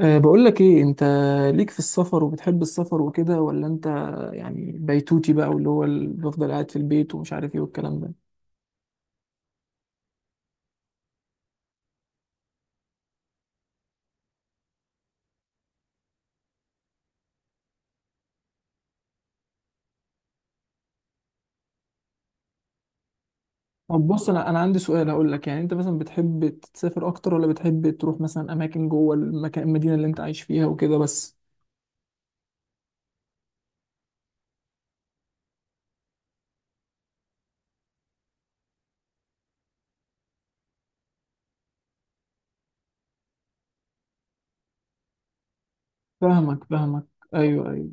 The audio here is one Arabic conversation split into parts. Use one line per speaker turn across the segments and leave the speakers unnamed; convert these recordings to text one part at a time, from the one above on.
بقول لك ايه انت ليك في السفر وبتحب السفر وكده، ولا انت يعني بيتوتي بقى، واللي هو بفضل قاعد في البيت ومش عارف ايه والكلام ده؟ طب بص، انا عندي سؤال هقول لك. يعني انت مثلا بتحب تسافر اكتر، ولا بتحب تروح مثلا اماكن جوه المكان، المدينة اللي انت عايش فيها وكده بس؟ فاهمك فاهمك، ايوه ايوه.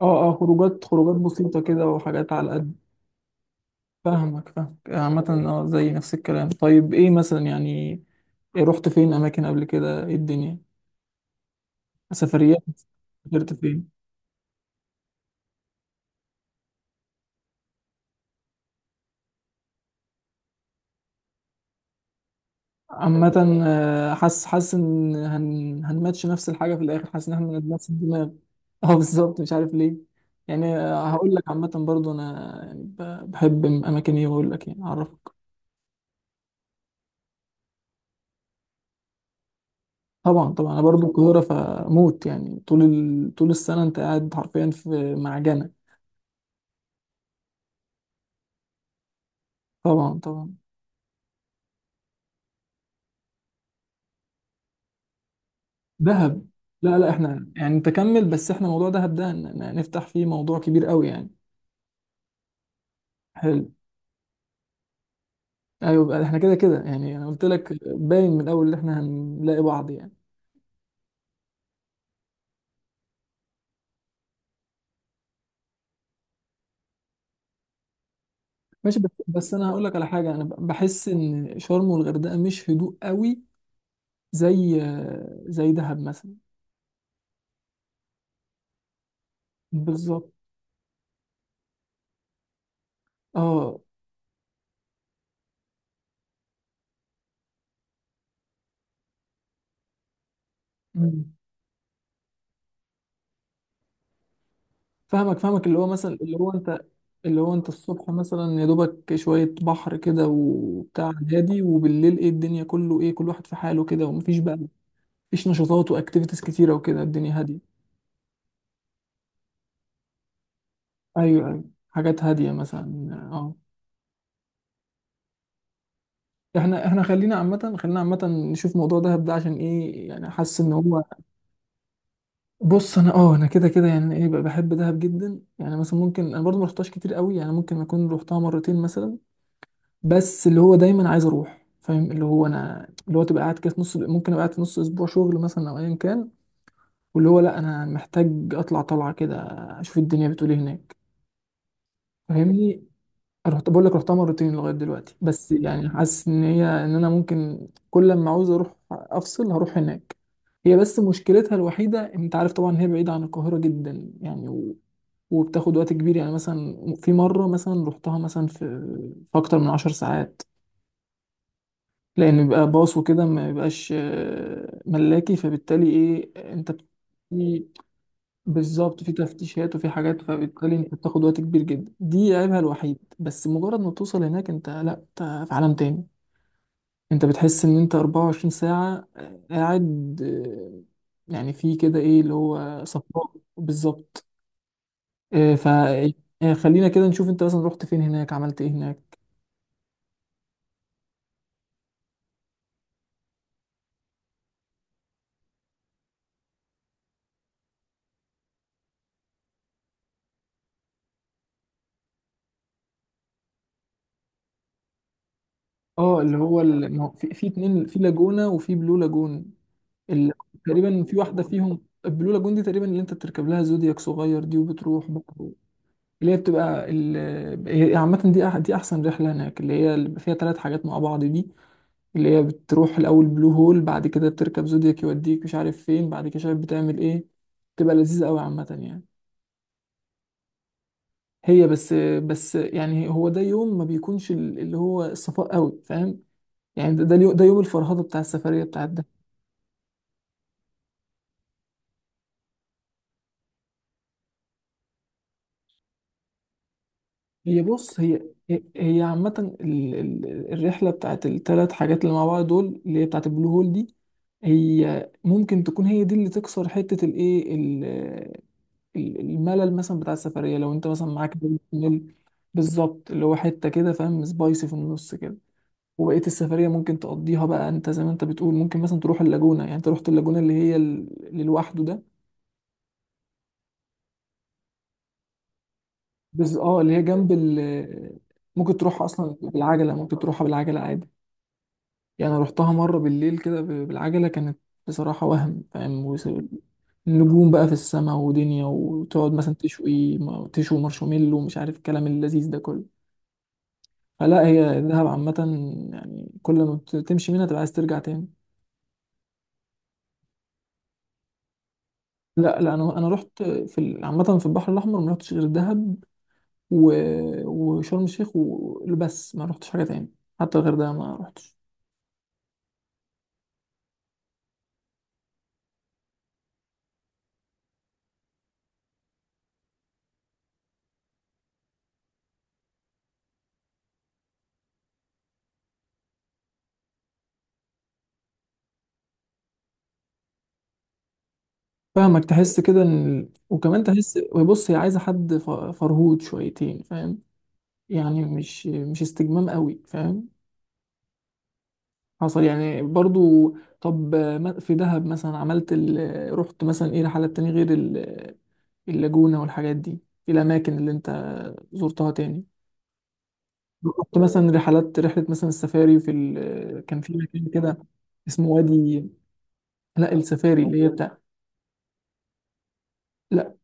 اه اه، خروجات خروجات بسيطة كده وحاجات على قد. فاهمك فاهمك عامة، اه زي نفس الكلام. طيب ايه مثلا يعني، إيه رحت فين اماكن قبل كده؟ ايه الدنيا، سفريات. سافرت فين؟ عامة آه، حاسس حاسس ان هنماتش نفس الحاجة في الآخر، حاسس ان احنا نفس الدماغ. اه بالظبط، مش عارف ليه. يعني آه، هقول لك عامة برضو، انا يعني بحب اماكن ايه، واقول لك يعني اعرفك. طبعا طبعا، انا برضو القاهرة فموت، يعني طول طول السنة انت قاعد حرفيا في معجنة. طبعا طبعا. دهب. لا لا، احنا يعني تكمل، بس احنا موضوع دهب ده نفتح فيه موضوع كبير قوي يعني. حلو. ايوه بقى، احنا كده كده يعني، انا قلت لك باين من الاول ان احنا هنلاقي بعض يعني. ماشي، بس بس انا هقول لك على حاجه، انا بحس ان شرم والغردقه مش هدوء قوي زي، دهب مثلا. بالظبط، اه. مم. فاهمك فاهمك، اللي هو مثلا، اللي هو انت، اللي هو انت الصبح مثلا يا دوبك شويه بحر كده وبتاع هادي، وبالليل ايه الدنيا كله، ايه كل واحد في حاله كده ومفيش بقى. مفيش نشاطات واكتيفيتيز كتيره وكده، الدنيا هاديه. ايوه ايوه، حاجات هاديه مثلا اه. احنا خلينا عامه، خلينا عامه نشوف موضوع دهب ده عشان ايه، يعني حاسس ان هو. بص انا اه، انا كده كده يعني ايه بقى بحب دهب جدا، يعني مثلا ممكن انا برضو ما رحتهاش كتير قوي، يعني ممكن اكون رحتها مرتين مثلا. بس اللي هو دايما عايز اروح فاهم، اللي هو انا اللي هو تبقى قاعد كده في نص، ممكن ابقى قاعد في نص اسبوع شغل مثلا او ايا كان. واللي هو لا، انا محتاج اطلع طلعه كده، اشوف الدنيا بتقول ايه هناك. فاهمني. رحت بقول لك رحتها مرتين لغايه دلوقتي، بس يعني حاسس ان هي، ان انا ممكن كل ما عاوز اروح افصل هروح هناك. هي بس مشكلتها الوحيده انت عارف طبعا، هي بعيده عن القاهره جدا يعني وبتاخد وقت كبير. يعني مثلا في مره مثلا رحتها مثلا في، اكتر من 10 ساعات، لان بيبقى باص وكده، ما بيبقاش آه، ملاكي، فبالتالي ايه انت بالظبط، في تفتيشات وفي حاجات، فبالتالي انت بتاخد وقت كبير جدا، دي عيبها الوحيد. بس مجرد ما توصل هناك، انت لا، انت في عالم تاني. انت بتحس ان انت 24 ساعة آه، قاعد آه، يعني في كده ايه اللي هو صفاء بالظبط، آه، آه، خلينا كده نشوف، انت مثلا رحت فين هناك، عملت ايه هناك. اه، اللي هو ما هو في، اتنين، في لاجونا وفي بلو لاجون. ال... تقريبا في واحدة فيهم، البلو لاجون دي تقريبا اللي انت بتركب لها زودياك صغير دي، وبتروح بقى. اللي هي بتبقى هي عامة دي، دي أحسن رحلة هناك، اللي هي اللي بيبقى فيها ثلاث حاجات مع بعض دي. اللي هي بتروح الأول بلو هول، بعد كده بتركب زودياك يوديك مش عارف فين، بعد كده شايف بتعمل إيه. بتبقى لذيذة أوي عامة يعني. هي بس، بس يعني هو ده يوم ما بيكونش اللي هو الصفاء أوي فاهم، يعني ده ده ده يوم الفرهدة بتاع السفرية بتاعت. هي بص، هي هي عامة الرحلة بتاعت التلات حاجات اللي مع بعض دول، اللي هي بتاعت البلو هول دي، هي ممكن تكون هي دي اللي تكسر حتة الايه الملل مثلا بتاع السفرية، لو انت مثلا معاك بيبي ميل. بالظبط، اللي هو حتة كده فاهم، سبايسي في النص كده. وبقية السفرية ممكن تقضيها بقى انت زي ما انت بتقول، ممكن مثلا تروح اللاجونة. يعني انت رحت اللاجونة اللي هي اللي لوحده ده، بس اه اللي هي جنب ال، ممكن تروح اصلا بالعجلة، ممكن تروحها بالعجلة عادي. يعني رحتها مرة بالليل كده، بالعجلة كانت بصراحة، وهم فاهم نجوم بقى في السماء ودنيا، وتقعد مثلا تشوي تشوي مارشميلو ومش عارف الكلام اللذيذ ده كله. فلا هي دهب عامة، يعني كل ما بتمشي منها تبقى عايز ترجع تاني. لا لا، انا رحت في عامة في البحر الاحمر، ما رحتش غير دهب و... وشرم الشيخ وبس، ما رحتش حاجة تاني، حتى غير ده ما رحتش. فاهمك، تحس كده ان وكمان تحس بص هي عايزة حد فرهود شويتين فاهم، يعني مش مش استجمام قوي فاهم، حصل يعني برضو. طب في دهب مثلا عملت رحت مثلا ايه رحلات تاني غير اللاجونة والحاجات دي، في الأماكن اللي أنت زرتها تاني، رحت مثلا رحلات، رحلة مثلا السفاري في كان في مكان كده اسمه وادي، لا السفاري اللي هي بتاع، لا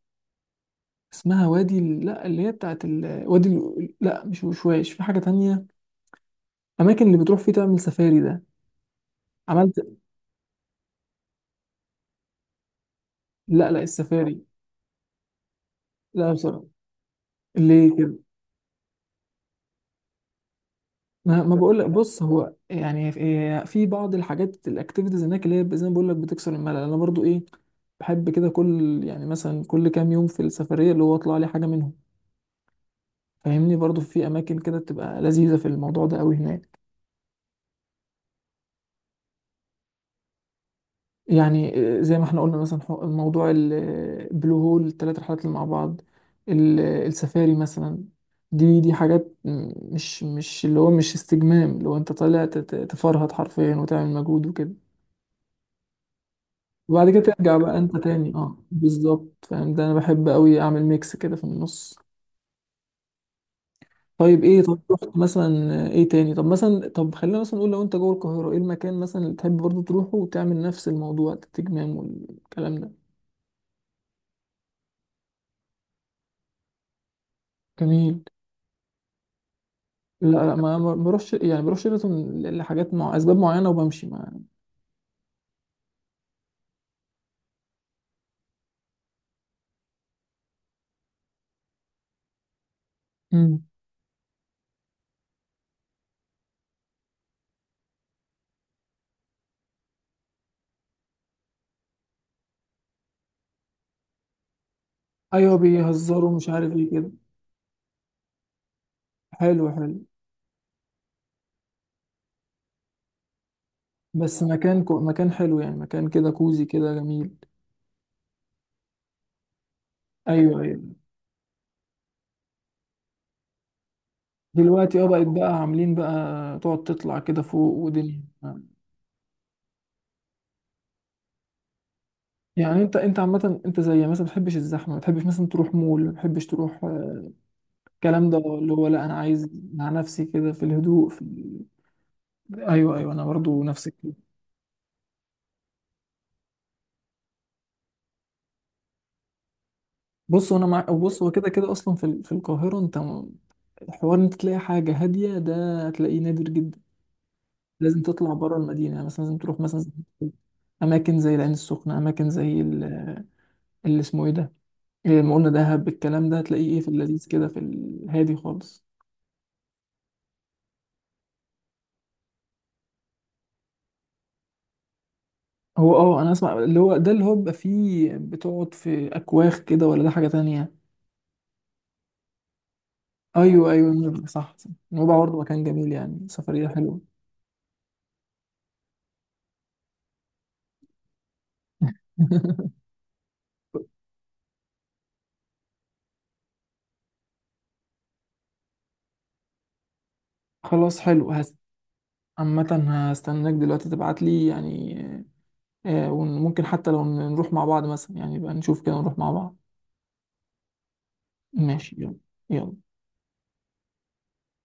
اسمها وادي لا، اللي هي بتاعت وادي لا مش وشواش، في حاجة تانية، أماكن اللي بتروح فيه تعمل سفاري ده. عملت، لا لا السفاري، لا بصراحة. ليه؟ ما بقول لك، بص هو يعني في، في بعض الحاجات الاكتيفيتيز هناك اللي هي زي ما بقول لك بتكسر الملل، انا برضو ايه بحب كده كل يعني، مثلا كل كام يوم في السفريه اللي هو اطلع لي حاجه منهم. فاهمني، برضو في اماكن كده بتبقى لذيذه في الموضوع ده قوي هناك. يعني آه، زي ما احنا قلنا مثلا موضوع البلو هول، الثلاث رحلات اللي مع بعض، آه، السفاري مثلا. دي دي حاجات مش مش اللي هو مش استجمام، اللي هو انت طالع تفرهد حرفيا وتعمل مجهود وكده. وبعد كده ترجع بقى انت تاني اه، بالظبط فاهم، ده انا بحب قوي اعمل ميكس كده في النص. طيب ايه، طب رحت مثلا ايه تاني؟ طب مثلا، طب خلينا مثلا نقول لو انت جوه القاهرة، ايه المكان مثلا اللي تحب برضو تروحه وتعمل نفس الموضوع التجمام والكلام ده؟ جميل. لا لا، ما بروحش، يعني بروح شيراتون لحاجات مع اسباب معينة، وبمشي مع. مم. ايوه، بيهزروا مش عارف ايه كده، حلو حلو. بس مكان مكان حلو يعني، مكان كده كوزي كده جميل. ايوه ايوه. دلوقتي اه بقت بقى عاملين بقى تقعد تطلع كده فوق ودنيا. يعني انت، عامة انت زي مثلا ما بتحبش الزحمة، ما بتحبش مثلا تروح مول، ما بتحبش تروح آه، الكلام ده، اللي هو لا انا عايز مع نفسي كده في الهدوء، في ايوه ايوه، انا برضو نفس الكلام. بص وانا مع، بص هو كده كده اصلا في في القاهرة، انت حوار انت تلاقي حاجة هادية، ده هتلاقيه نادر جدا. لازم تطلع بره المدينة، يعني مثلا لازم تروح مثلا اماكن زي العين السخنة، اماكن زي اللي اسمه ايه ده، زي ما قلنا دهب، الكلام ده هتلاقيه ايه في اللذيذ كده، في الهادي خالص. هو اه، انا اسمع اللي هو ده اللي هو بيبقى فيه بتقعد في اكواخ كده، ولا ده حاجة تانية؟ ايوه ايوه نويبع، صح صح، نويبع برضه مكان جميل يعني، سفرية حلوة. خلاص حلو هس. عامة هستناك دلوقتي تبعت لي يعني، آه، وممكن حتى لو نروح مع بعض مثلا يعني، يبقى نشوف كده نروح مع بعض. ماشي يلا، يلا.